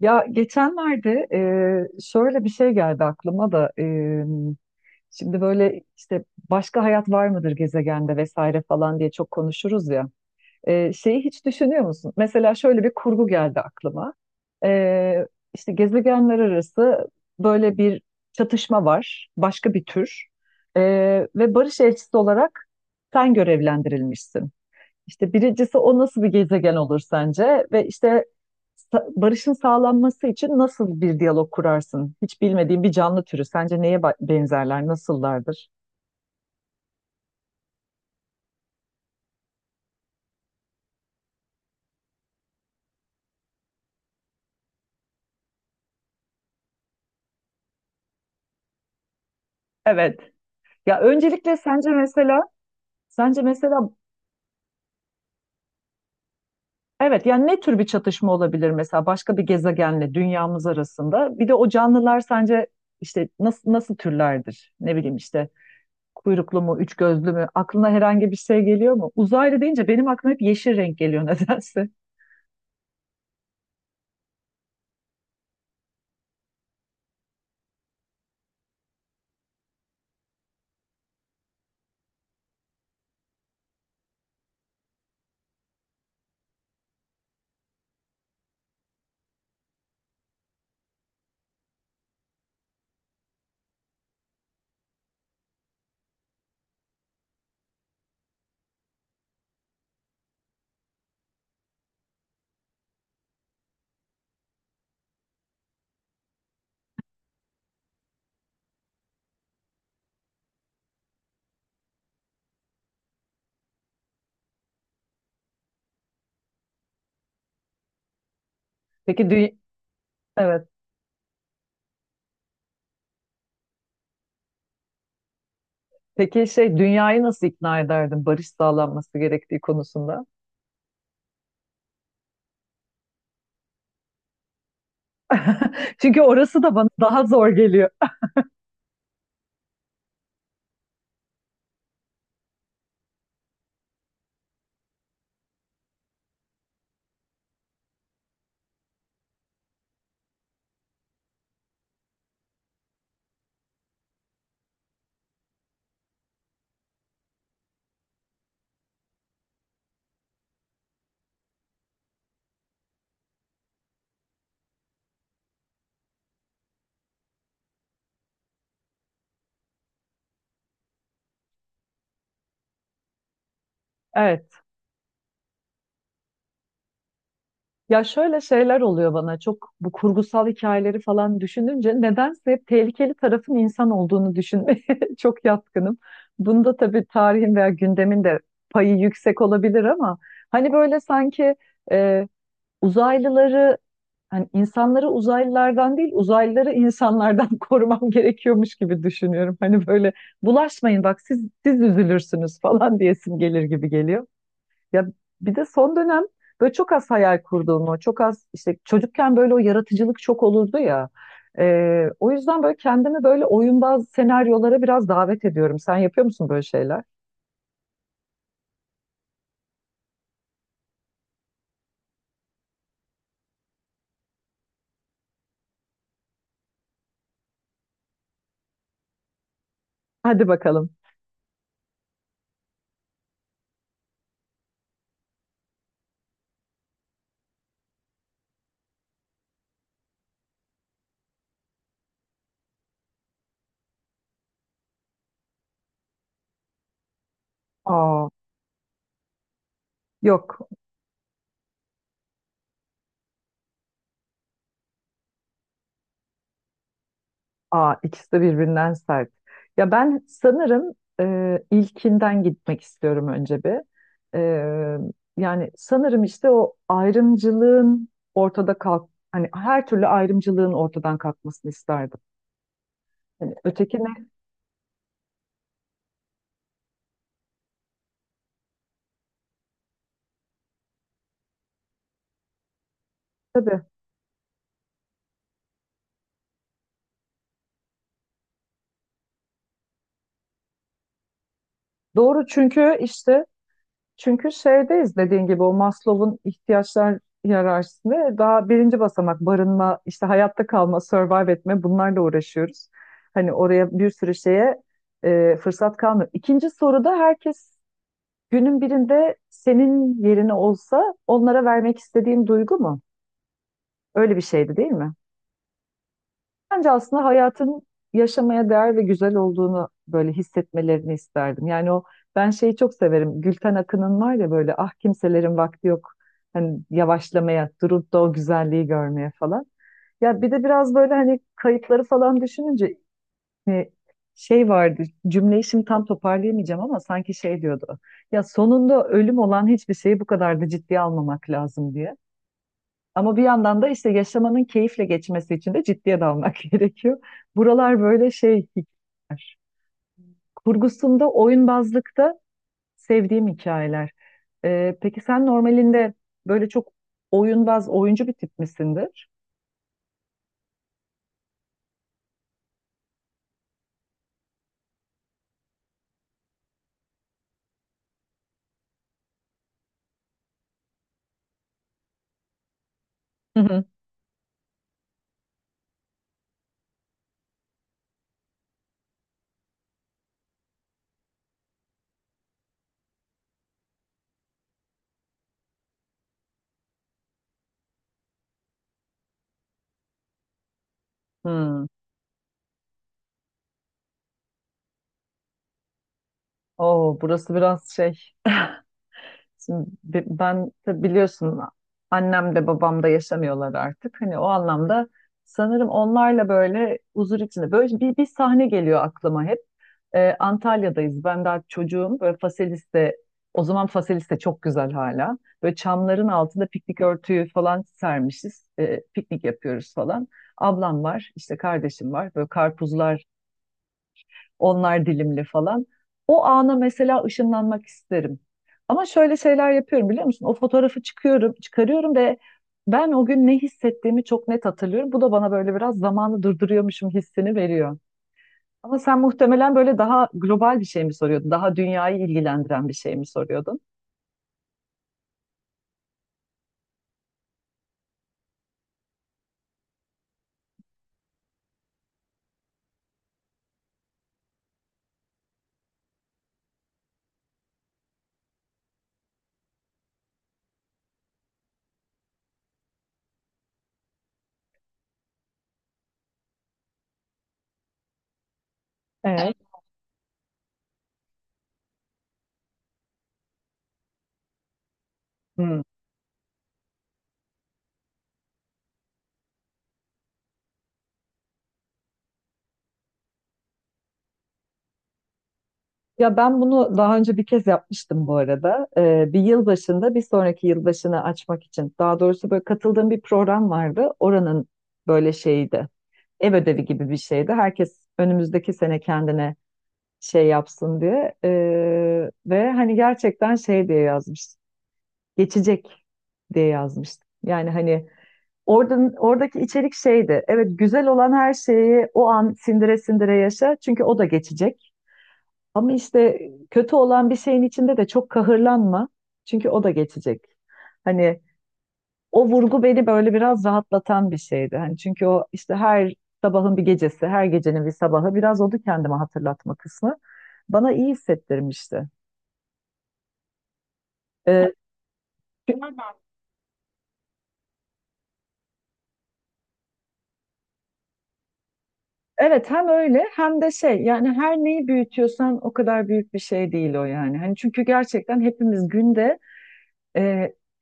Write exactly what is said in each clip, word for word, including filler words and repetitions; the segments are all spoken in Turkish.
Ya geçenlerde e, şöyle bir şey geldi aklıma da e, şimdi böyle işte başka hayat var mıdır gezegende vesaire falan diye çok konuşuruz ya. E, şeyi hiç düşünüyor musun? Mesela şöyle bir kurgu geldi aklıma. E, işte gezegenler arası böyle bir çatışma var, başka bir tür. E, Ve barış elçisi olarak sen görevlendirilmişsin. İşte birincisi o nasıl bir gezegen olur sence? Ve işte sa- barışın sağlanması için nasıl bir diyalog kurarsın? Hiç bilmediğin bir canlı türü sence neye ba- benzerler, nasıllardır? Evet. Ya öncelikle sence mesela, sence mesela evet yani ne tür bir çatışma olabilir mesela başka bir gezegenle dünyamız arasında? Bir de o canlılar sence işte nasıl nasıl türlerdir? Ne bileyim işte kuyruklu mu, üç gözlü mü? Aklına herhangi bir şey geliyor mu? Uzaylı deyince benim aklıma hep yeşil renk geliyor nedense. Peki dü- evet. Peki şey dünyayı nasıl ikna ederdin barış sağlanması gerektiği konusunda? Çünkü orası da bana daha zor geliyor. Evet. Ya şöyle şeyler oluyor bana, çok bu kurgusal hikayeleri falan düşününce nedense hep tehlikeli tarafın insan olduğunu düşünmeye çok yatkınım. Bunda tabii tarihin veya gündemin de payı yüksek olabilir ama hani böyle sanki e, uzaylıları, hani insanları uzaylılardan değil uzaylıları insanlardan korumam gerekiyormuş gibi düşünüyorum. Hani böyle bulaşmayın bak, siz siz üzülürsünüz falan diyesim gelir gibi geliyor. Ya bir de son dönem böyle çok az hayal kurduğumu, çok az işte çocukken böyle o yaratıcılık çok olurdu ya. Ee, o yüzden böyle kendimi böyle oyunbaz senaryolara biraz davet ediyorum. Sen yapıyor musun böyle şeyler? Hadi bakalım. Aa, yok. Aa, ikisi de birbirinden sert. Ya ben sanırım e, ilkinden gitmek istiyorum önce bir. E, Yani sanırım işte o ayrımcılığın ortada kalk, hani her türlü ayrımcılığın ortadan kalkmasını isterdim. Yani öteki ne? Tabii. Doğru, çünkü işte çünkü şeydeyiz dediğin gibi, o Maslow'un ihtiyaçlar hiyerarşisinde daha birinci basamak barınma, işte hayatta kalma, survive etme, bunlarla uğraşıyoruz. Hani oraya bir sürü şeye e, fırsat kalmıyor. İkinci soruda herkes günün birinde senin yerine olsa onlara vermek istediğin duygu mu? Öyle bir şeydi değil mi? Bence aslında hayatın yaşamaya değer ve güzel olduğunu böyle hissetmelerini isterdim. Yani o, ben şeyi çok severim. Gülten Akın'ın var ya böyle, ah kimselerin vakti yok. Hani yavaşlamaya, durup da o güzelliği görmeye falan. Ya bir de biraz böyle hani kayıtları falan düşününce e, şey vardı. Cümleyi şimdi tam toparlayamayacağım ama sanki şey diyordu. Ya sonunda ölüm olan hiçbir şeyi bu kadar da ciddiye almamak lazım diye. Ama bir yandan da işte yaşamanın keyifle geçmesi için de ciddiye dalmak gerekiyor. Buralar böyle şey kurgusunda, oyunbazlıkta sevdiğim hikayeler. Ee, peki sen normalinde böyle çok oyunbaz, oyuncu bir tip misindir? Hı hı. Hmm. Oo, burası biraz şey. Şimdi bi- ben tabii biliyorsun, annem de babam da yaşamıyorlar artık. Hani o anlamda sanırım onlarla böyle huzur içinde. Böyle bir, bir sahne geliyor aklıma hep. Ee, Antalya'dayız. Ben daha çocuğum. Böyle Faselis'te, o zaman Faselis'te çok güzel hala. Böyle çamların altında piknik örtüyü falan sermişiz. Ee, piknik yapıyoruz falan. Ablam var, işte kardeşim var. Böyle karpuzlar, onlar dilimli falan. O ana mesela ışınlanmak isterim. Ama şöyle şeyler yapıyorum biliyor musun? O fotoğrafı çıkıyorum, çıkarıyorum ve ben o gün ne hissettiğimi çok net hatırlıyorum. Bu da bana böyle biraz zamanı durduruyormuşum hissini veriyor. Ama sen muhtemelen böyle daha global bir şey mi soruyordun? Daha dünyayı ilgilendiren bir şey mi soruyordun? Evet. Hmm. Ya ben bunu daha önce bir kez yapmıştım bu arada. Ee, bir yılbaşında bir sonraki yılbaşını açmak için. Daha doğrusu böyle katıldığım bir program vardı. Oranın böyle şeyiydi. Ev ödevi gibi bir şeydi. Herkes önümüzdeki sene kendine şey yapsın diye. Ee, ve hani gerçekten şey diye yazmış. Geçecek diye yazmıştı. Yani hani oradan oradaki içerik şeydi. Evet, güzel olan her şeyi o an sindire sindire yaşa. Çünkü o da geçecek. Ama işte kötü olan bir şeyin içinde de çok kahırlanma. Çünkü o da geçecek. Hani o vurgu beni böyle biraz rahatlatan bir şeydi. Hani çünkü o işte her sabahın bir gecesi, her gecenin bir sabahı, biraz oldu kendime hatırlatma kısmı. Bana iyi hissettirmişti. Ee, evet, hem öyle hem de şey, yani her neyi büyütüyorsan o kadar büyük bir şey değil o, yani. Hani çünkü gerçekten hepimiz günde e,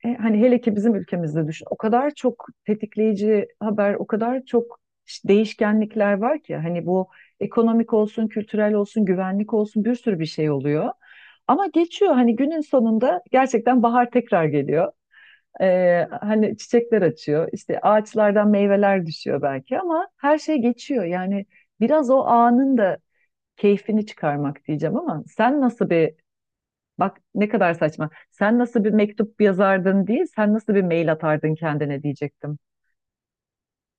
e, hani hele ki bizim ülkemizde düşün, o kadar çok tetikleyici haber, o kadar çok ş- değişkenlikler var ki hani bu ekonomik olsun, kültürel olsun, güvenlik olsun bir sürü bir şey oluyor. Ama geçiyor, hani günün sonunda gerçekten bahar tekrar geliyor. Ee, hani çiçekler açıyor, işte ağaçlardan meyveler düşüyor belki ama her şey geçiyor. Yani biraz o anın da keyfini çıkarmak diyeceğim ama sen nasıl bir, bak ne kadar saçma. Sen nasıl bir mektup yazardın değil, sen nasıl bir mail atardın kendine diyecektim.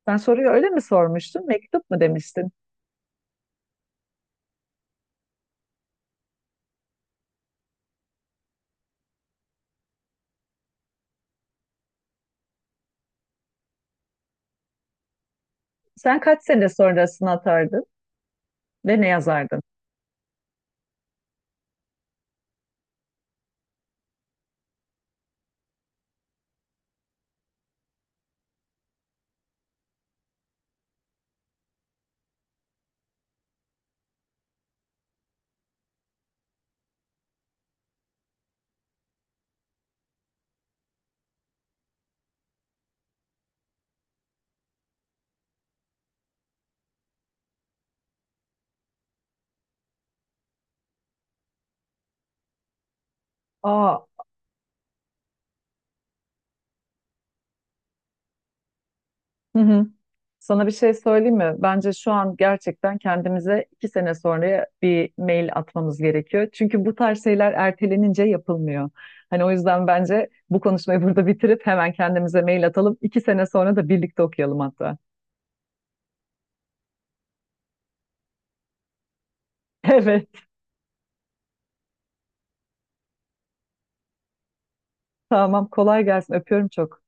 Sen soruyu öyle mi sormuştun? Mektup mu demiştin? Sen kaç sene sonrasını atardın ve ne yazardın? Aa, hı hı. Sana bir şey söyleyeyim mi? Bence şu an gerçekten kendimize iki sene sonraya bir mail atmamız gerekiyor. Çünkü bu tarz şeyler ertelenince yapılmıyor. Hani o yüzden bence bu konuşmayı burada bitirip hemen kendimize mail atalım. İki sene sonra da birlikte okuyalım hatta. Evet, tamam. Kolay gelsin. Öpüyorum çok.